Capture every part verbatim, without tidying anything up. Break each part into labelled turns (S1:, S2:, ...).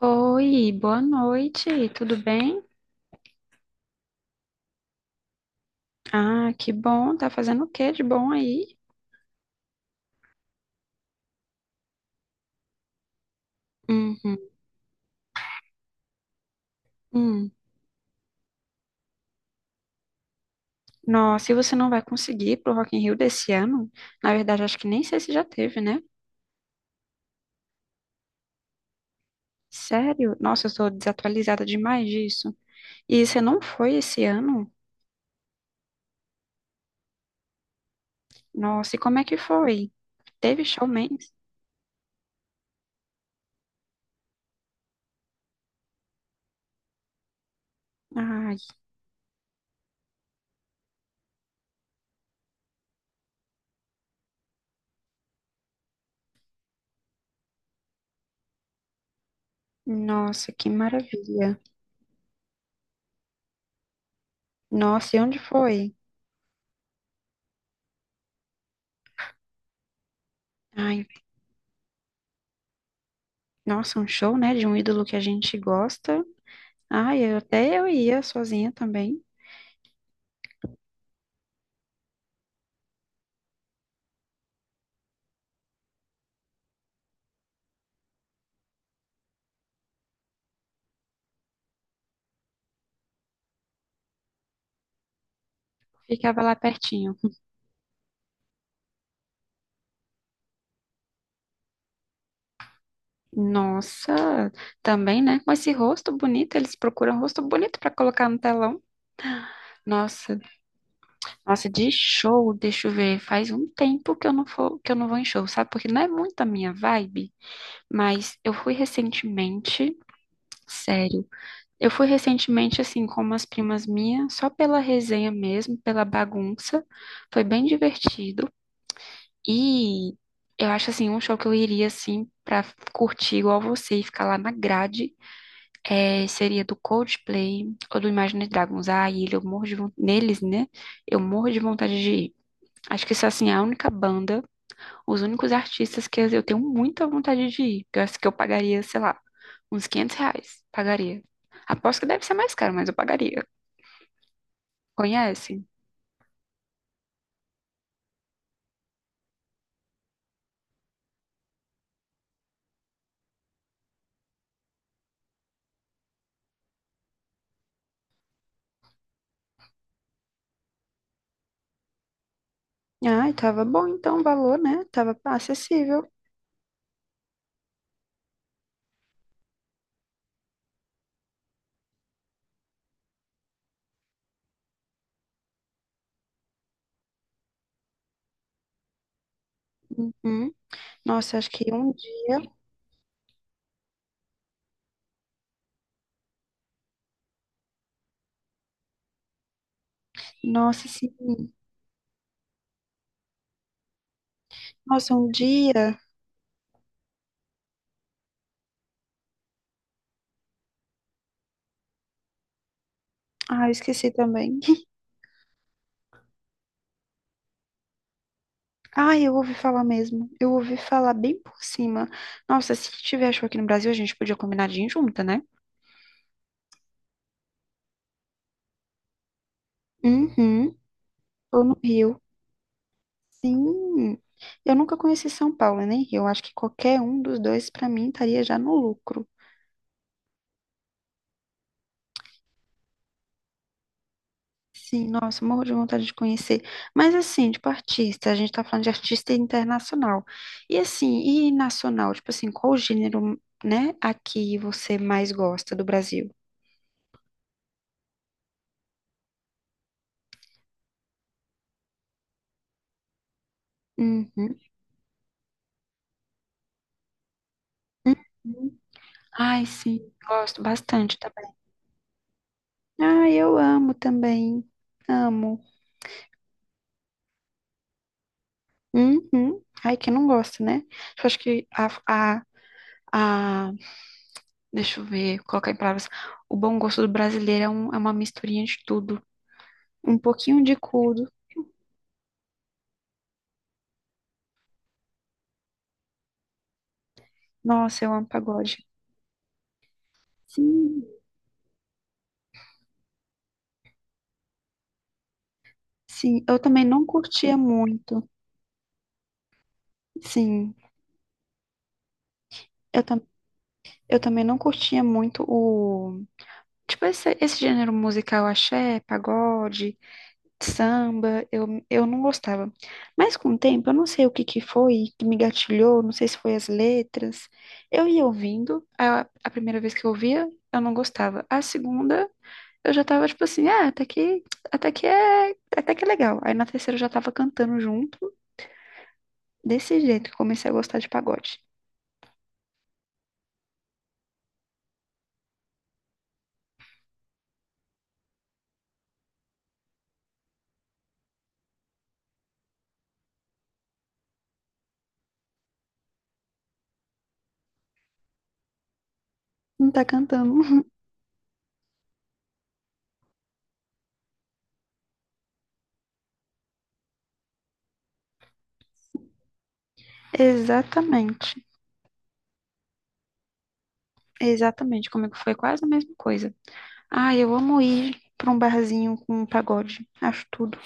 S1: Oi, boa noite, tudo bem? Ah, que bom, tá fazendo o que de bom aí? Uhum. Hum. Nossa, e você não vai conseguir ir pro Rock in Rio desse ano? Na verdade, acho que nem sei se já teve, né? Sério? Nossa, eu tô desatualizada demais disso. E você não foi esse ano? Nossa, e como é que foi? Teve show mesmo? Ai, nossa, que maravilha. Nossa, e onde foi? Ai, nossa, um show, né, de um ídolo que a gente gosta. Ah, eu até eu ia sozinha também. Ficava lá pertinho. Nossa, também, né? Com esse rosto bonito, eles procuram rosto bonito pra colocar no telão. Nossa, nossa, de show, deixa eu ver. Faz um tempo que eu não for, que eu não vou em show, sabe? Porque não é muito a minha vibe, mas eu fui recentemente, sério. Eu fui recentemente assim com umas primas minhas, só pela resenha mesmo, pela bagunça. Foi bem divertido. E eu acho assim, um show que eu iria assim pra curtir igual você e ficar lá na grade é, seria do Coldplay ou do Imagine Dragons. Ah, e ele- eu morro de von- neles, né? Eu morro de vontade de ir. Acho que isso assim, é a única banda, os únicos artistas que eu tenho muita vontade de ir. Que eu acho que eu pagaria, sei lá, uns quinhentos reais. Pagaria. Aposto que deve ser mais caro, mas eu pagaria. Conhece? Ai, tava bom então o valor, né? Tava acessível. Uhum. Nossa, acho que um dia. Nossa, sim. Nossa, um dia. Ah, eu esqueci também. Ah, eu ouvi falar mesmo. Eu ouvi falar bem por cima. Nossa, se tiver show aqui no Brasil, a gente podia combinar de ir junta, né? Uhum. Ou no Rio. Sim. Eu nunca conheci São Paulo, nem Rio. Acho que qualquer um dos dois, pra mim, estaria já no lucro. Sim, nossa, morro de vontade de conhecer. Mas assim, tipo artista, a gente tá falando de artista internacional. E assim, e nacional, tipo assim, qual o gênero, né, aqui você mais gosta do Brasil? Uhum. Uhum. Ai, sim, gosto bastante também. Ai, eu amo também. Amo. Uhum. Ai, quem não gosta, né? Eu acho que a, a, a- deixa eu ver, colocar em palavras, o bom gosto do brasileiro é, um- é uma misturinha de tudo. Um pouquinho de tudo. Nossa, eu amo pagode. Sim. Sim, eu também não curtia muito. Sim, eu, tam eu também não curtia muito o. Tipo, esse, esse gênero musical, axé, pagode, samba, eu, eu não gostava. Mas com o tempo, eu não sei o que que foi que me gatilhou, não sei se foi as letras. Eu ia ouvindo, a, a primeira vez que eu ouvia, eu não gostava. A segunda, eu já tava tipo assim, ah, até que, até que é, até que é legal. Aí na terceira eu já tava cantando junto. Desse jeito que eu comecei a gostar de pagode. Não tá cantando. Exatamente. Exatamente. Comigo foi quase a mesma coisa. Ah, eu amo ir pra um barzinho com pagode. Acho tudo.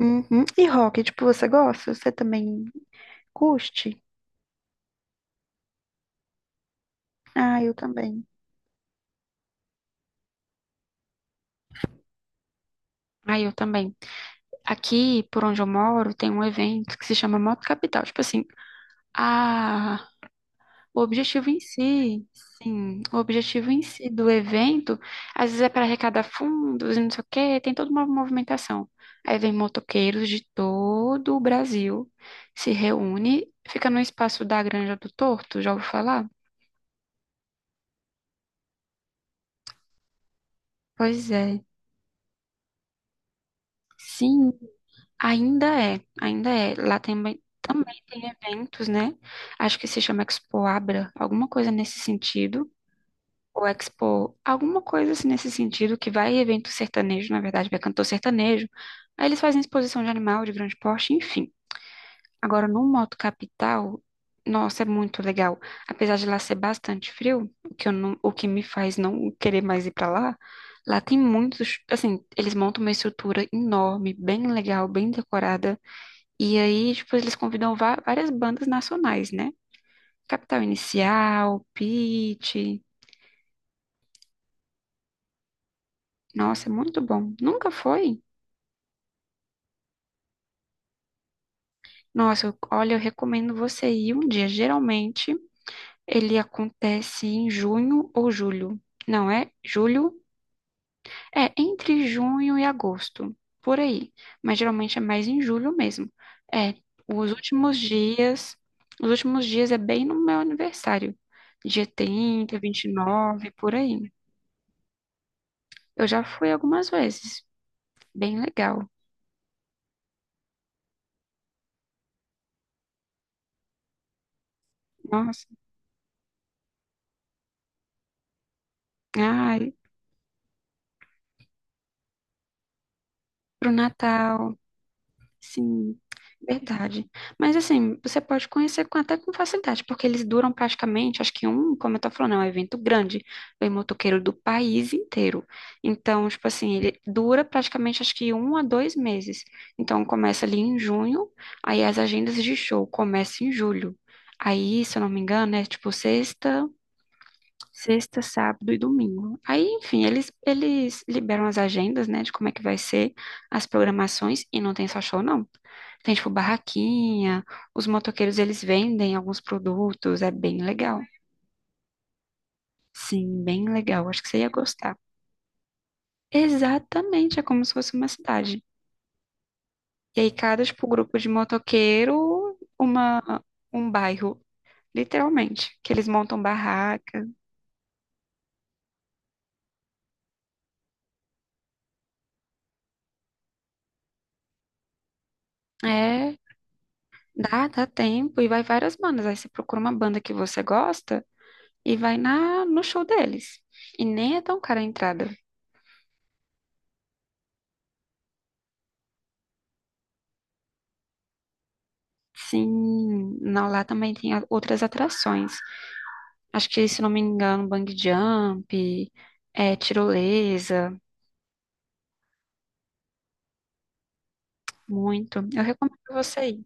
S1: Uhum. E rock, tipo, você gosta? Você também curte? Ah, eu também. Ah, eu também. Aqui, por onde eu moro, tem um evento que se chama Moto Capital. Tipo assim, a o objetivo em si, sim, o objetivo em si do evento, às vezes é para arrecadar fundos e não sei o quê, tem toda uma movimentação. Aí vem motoqueiros de todo o Brasil, se reúne, fica no espaço da Granja do Torto, já ouviu falar? Pois é, sim, ainda é, ainda é. Lá tem, também também tem eventos, né? Acho que se chama Expo Abra, alguma coisa nesse sentido. Ou Expo, alguma coisa assim nesse sentido, que vai evento sertanejo, na verdade, vai cantor sertanejo. Aí eles fazem exposição de animal de grande porte, enfim. Agora, no Moto Capital, nossa, é muito legal. Apesar de lá ser bastante frio, o que eu não, o que me faz não querer mais ir pra lá, lá tem muitos, assim, eles montam uma estrutura enorme, bem legal, bem decorada. E aí, tipo, eles convidam va- várias bandas nacionais, né? Capital Inicial, Pitty. Nossa, é muito bom. Nunca foi? Nossa, eu- olha, eu recomendo você ir um dia. Geralmente ele acontece em junho ou julho. Não é julho, é entre junho e agosto, por aí. Mas geralmente é mais em julho mesmo. É, os últimos dias, os últimos dias é bem no meu aniversário. Dia trinta, vinte e nove, por aí. Eu já fui algumas vezes. Bem legal. Nossa. Ai, pro Natal. Sim, verdade. Mas assim, você pode conhecer com- até com facilidade, porque eles duram praticamente, acho que um, como eu tô falando, é um evento grande. Vem motoqueiro do país inteiro. Então, tipo assim, ele dura praticamente acho que um a dois meses. Então, começa ali em junho, aí as agendas de show começam em julho. Aí, se eu não me engano, é tipo sexta. Sexta, sábado e domingo. Aí, enfim, eles, eles liberam as agendas, né, de como é que vai ser as programações e não tem só show, não. Tem, tipo, barraquinha, os motoqueiros, eles vendem alguns produtos, é bem legal. Sim, bem legal, acho que você ia gostar. Exatamente, é como se fosse uma cidade. E aí, cada, tipo, grupo de motoqueiro, uma, um bairro, literalmente, que eles montam barraca. É. Dá, dá tempo e vai várias bandas. Aí você procura uma banda que você gosta e vai na no show deles. E nem é tão cara a entrada. Sim, não, lá também tem a- outras atrações. Acho que, se não me engano, bang jump, é, tirolesa, muito. Eu recomendo você ir.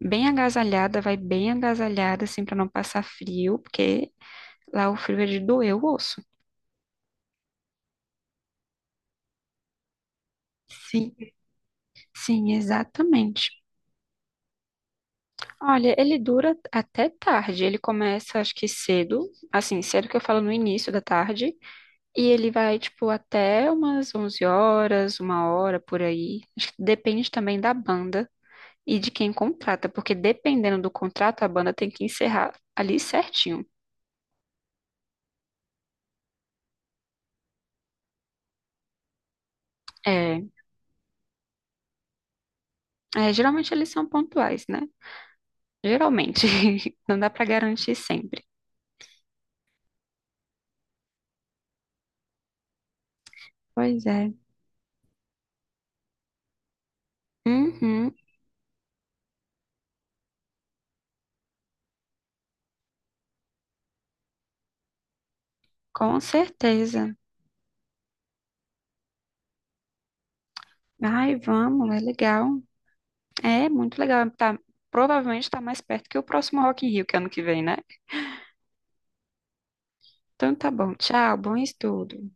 S1: Bem agasalhada, vai bem agasalhada, assim, pra não passar frio, porque lá o frio é de doer o osso. Sim, sim, exatamente. Olha, ele dura até tarde. Ele começa, acho que cedo, assim, cedo que eu falo no início da tarde, e ele vai, tipo, até umas onze horas, uma hora por aí. Acho que depende também da banda e de quem contrata, porque dependendo do contrato, a banda tem que encerrar ali certinho. É, é, geralmente eles são pontuais, né? Geralmente. Não dá pra garantir sempre. Pois é. Uhum, com certeza. Ai, vamos, é legal. É muito legal. Tá, provavelmente tá mais perto que o próximo Rock in Rio, que é ano que vem, né? Então tá bom. Tchau, bom estudo.